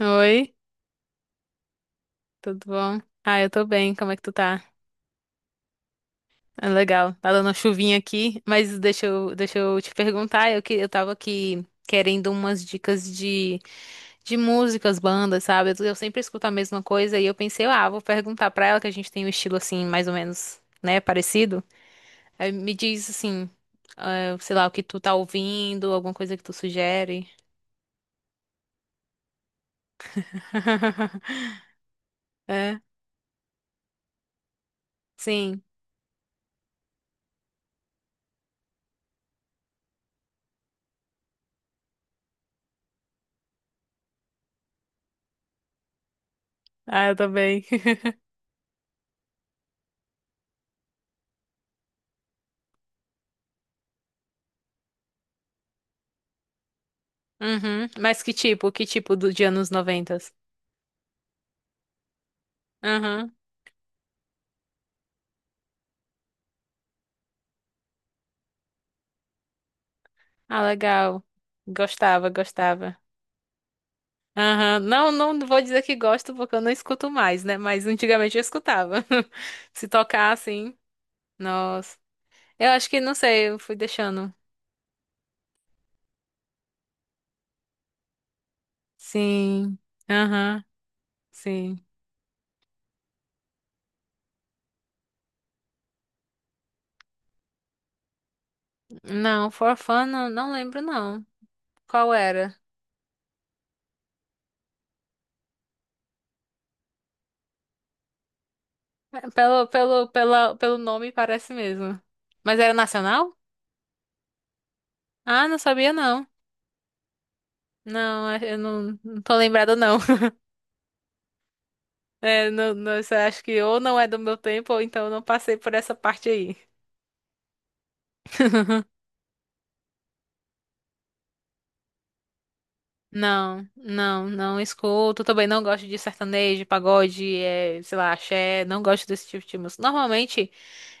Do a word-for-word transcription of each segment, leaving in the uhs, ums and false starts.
Oi, tudo bom? Ah, eu tô bem, como é que tu tá? É legal, tá dando uma chuvinha aqui, mas deixa eu, deixa eu te perguntar, eu, que, eu tava aqui querendo umas dicas de, de músicas, bandas, sabe? Eu, eu sempre escuto a mesma coisa e eu pensei, ah, vou perguntar pra ela que a gente tem um estilo assim, mais ou menos, né, parecido. Aí me diz assim, ah, sei lá, o que tu tá ouvindo, alguma coisa que tu sugere. É, sim, ah, eu também. Uhum. Mas que tipo? Que tipo do, de anos noventa? Aham. Ah, legal. Gostava, gostava. Aham. Não, não vou dizer que gosto porque eu não escuto mais, né? Mas antigamente eu escutava. Se tocar assim, nossa. Eu acho que, não sei, eu fui deixando. Sim. Aham. Sim. Não, For Fun, não, não lembro não. Qual era? É, Pelo, pelo, pela, pelo nome parece mesmo. Mas era nacional? Ah, não sabia não. Não, eu não, não tô lembrada, não. É, não, não, isso eu acho que ou não é do meu tempo, ou então eu não passei por essa parte aí. Não, não, não escuto. Também não gosto de sertanejo, pagode, é, sei lá, axé. Não gosto desse tipo de música. Normalmente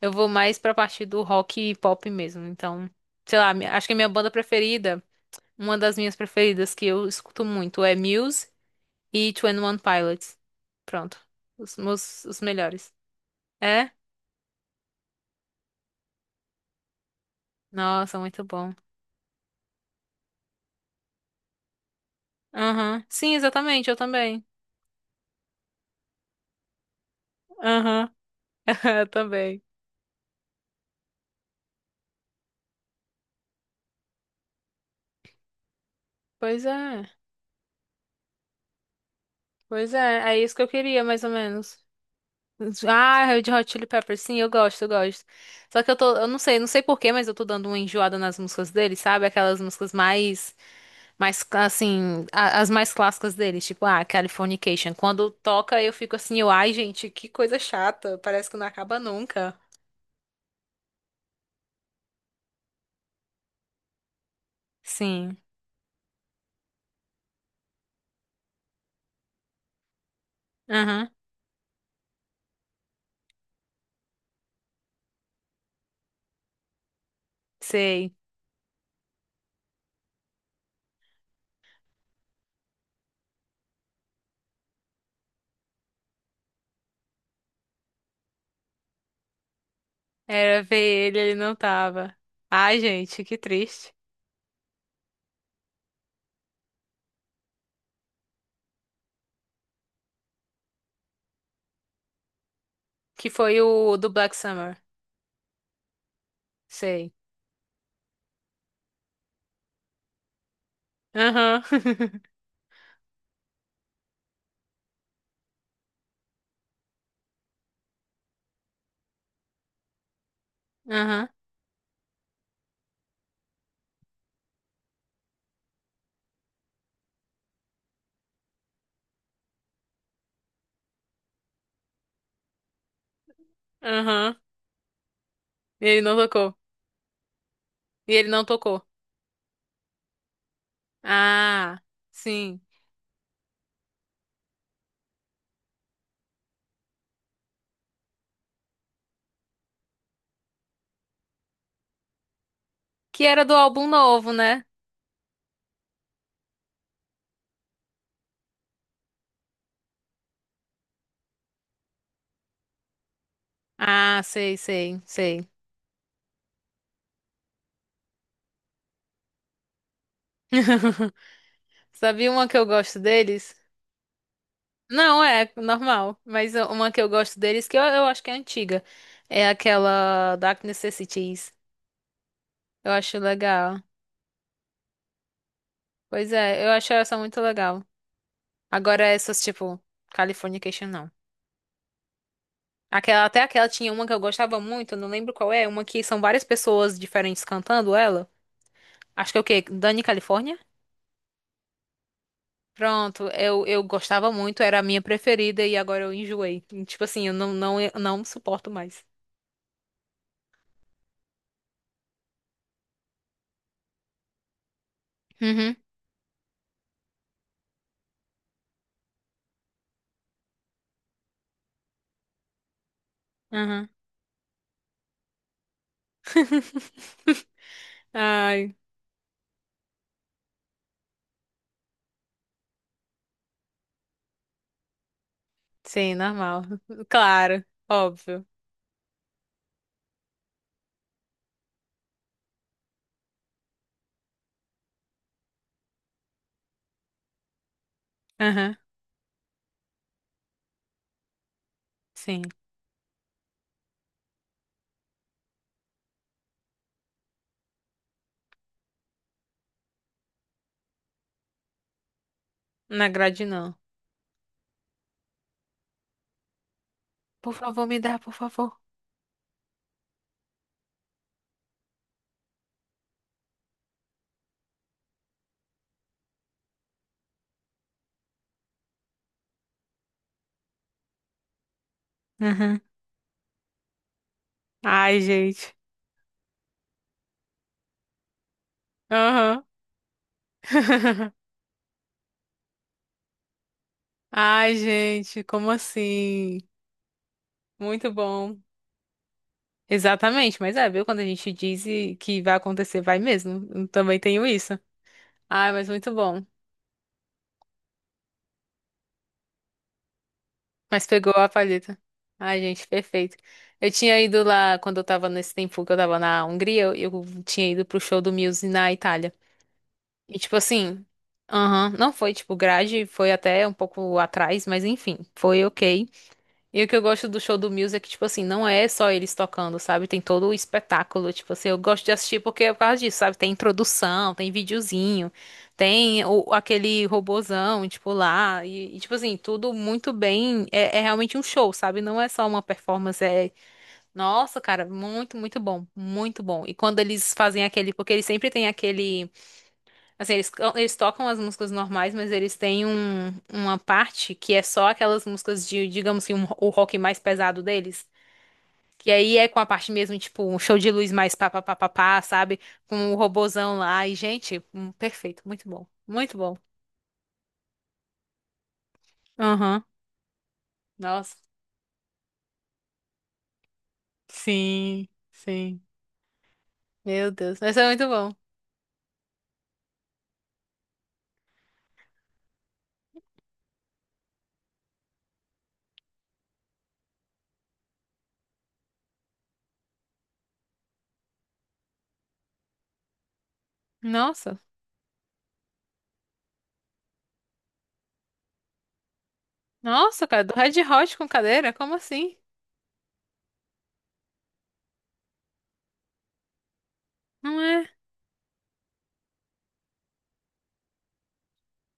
eu vou mais pra parte do rock e pop mesmo. Então, sei lá, mi- acho que a minha banda preferida, uma das minhas preferidas que eu escuto muito é Muse e Twenty One Pilots. Pronto. Os meus, os melhores. É? Nossa, muito bom. Aham. Sim, exatamente, eu também. Aham. Eu também. Pois é. Pois é, é isso que eu queria, mais ou menos. Ah, Red Hot Chili Peppers, sim, eu gosto, eu gosto. Só que eu tô, eu não sei, não sei por quê, mas eu tô dando uma enjoada nas músicas deles, sabe? Aquelas músicas mais, mais assim, a- as mais clássicas deles, tipo, ah, Californication. Quando toca, eu fico assim, eu, ai, gente, que coisa chata, parece que não acaba nunca. Sim. Aham. Sei. Era ver ele, ele não tava. Ai, gente, que triste. Que foi o do Black Summer. Sei. Aham. Aham. Aham. E ele não tocou. E ele não tocou. Ah, sim. Que era do álbum novo, né? Ah, sei, sei, sei. Sabia uma que eu gosto deles? Não, é normal. Mas uma que eu gosto deles, que eu, eu acho que é antiga. É aquela Dark Necessities. Eu acho legal. Pois é, eu acho essa muito legal. Agora essas, tipo, Californication, não. Aquela, até aquela tinha uma que eu gostava muito, eu não lembro qual é, uma que são várias pessoas diferentes cantando ela. Acho que é o quê? Dani California? Pronto, eu, eu gostava muito, era a minha preferida e agora eu enjoei. E, tipo assim, eu não, não, eu não suporto mais. Uhum, uhum. Ai, sim, normal. Claro, óbvio. Aham, sim. Na grade não. Por favor, me dá, por favor. Uhum. Ai, gente. Aham. Ai, gente, como assim? Muito bom. Exatamente, mas é, viu? Quando a gente diz e- que vai acontecer, vai mesmo. Eu também tenho isso. Ai, mas muito bom. Mas pegou a palheta. Ai, gente, perfeito. Eu tinha ido lá, quando eu tava nesse tempo que eu tava na Hungria, eu, eu tinha ido pro show do Muse na Itália. E tipo assim, aham, não foi tipo grade, foi até um pouco atrás, mas enfim, foi ok. E o que eu gosto do show do Muse é que, tipo assim, não é só eles tocando, sabe? Tem todo o espetáculo, tipo assim, eu gosto de assistir porque é por causa disso, sabe? Tem introdução, tem videozinho, tem o, aquele robozão, tipo, lá, e, e, tipo assim, tudo muito bem, é, é realmente um show, sabe? Não é só uma performance, é, nossa, cara, muito, muito bom, muito bom. E quando eles fazem aquele, porque eles sempre têm aquele... Assim, eles, eles tocam as músicas normais, mas eles têm um, uma parte que é só aquelas músicas de, digamos assim um- o rock mais pesado deles. Que aí é com a parte mesmo, tipo, um show de luz mais pá, pá, pá, pá, pá, sabe? Com o robozão lá. E, gente, hum, perfeito. Muito bom. Muito bom. Aham. Nossa. Sim, sim. Meu Deus. Mas é muito bom. Nossa. Nossa, cara, do Red Hot com cadeira? Como assim? Não é?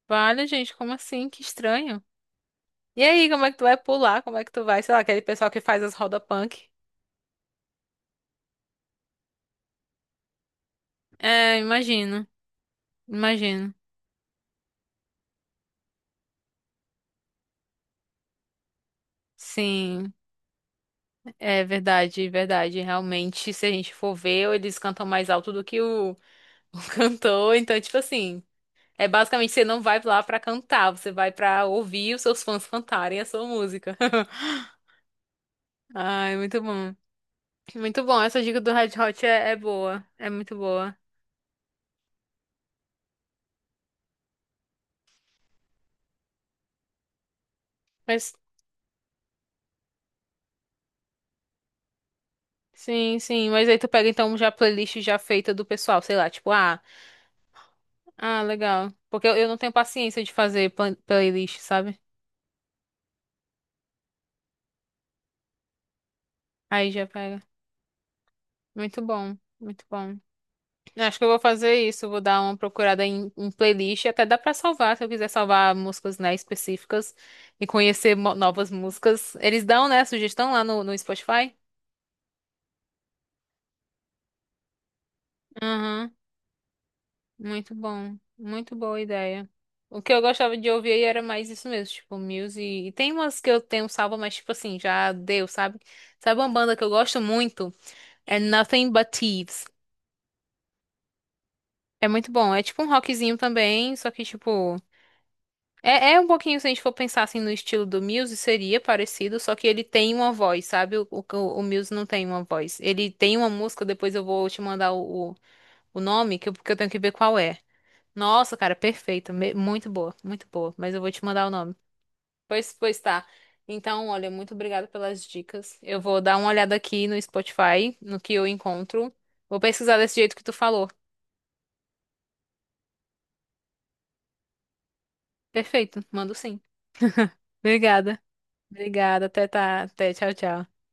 Vale, gente, como assim? Que estranho. E aí, como é que tu vai pular? Como é que tu vai? Sei lá, aquele pessoal que faz as roda punk. É, imagino, imagino. Sim, é verdade, verdade. Realmente, se a gente for ver, eles cantam mais alto do que o, o cantor. Então, tipo assim, é basicamente você não vai lá pra cantar, você vai pra ouvir os seus fãs cantarem a sua música. Ai, muito bom. Muito bom. Essa dica do Red Hot é, é boa, é muito boa. Mas, sim, sim. Mas aí tu pega então já a playlist já feita do pessoal, sei lá, tipo, ah. Ah, legal. Porque eu, eu não tenho paciência de fazer plan- playlist, sabe? Aí já pega. Muito bom, muito bom. Eu acho que eu vou fazer isso. Vou dar uma procurada em, em playlist. Até dá pra salvar, se eu quiser salvar músicas, né, específicas e conhecer mo- novas músicas. Eles dão, né, sugestão lá no, no Spotify? Aham, muito bom. Muito boa ideia. O que eu gostava de ouvir aí era mais isso mesmo, tipo, Muse. E tem umas que eu tenho salva, mas tipo assim, já deu, sabe? Sabe uma banda que eu gosto muito? É Nothing But Thieves. É muito bom. É tipo um rockzinho também, só que tipo. É, é um pouquinho, se a gente for pensar assim no estilo do Muse, seria parecido, só que ele tem uma voz, sabe? O, o, o Muse não tem uma voz. Ele tem uma música, depois eu vou te mandar o, o, o nome, que eu, porque eu tenho que ver qual é. Nossa, cara, perfeita. Me- Muito boa, muito boa. Mas eu vou te mandar o nome. Pois, pois tá. Então, olha, muito obrigada pelas dicas. Eu vou dar uma olhada aqui no Spotify, no que eu encontro. Vou pesquisar desse jeito que tu falou. Perfeito, mando sim. Obrigada. Obrigada. Até tá. Até tchau, tchau.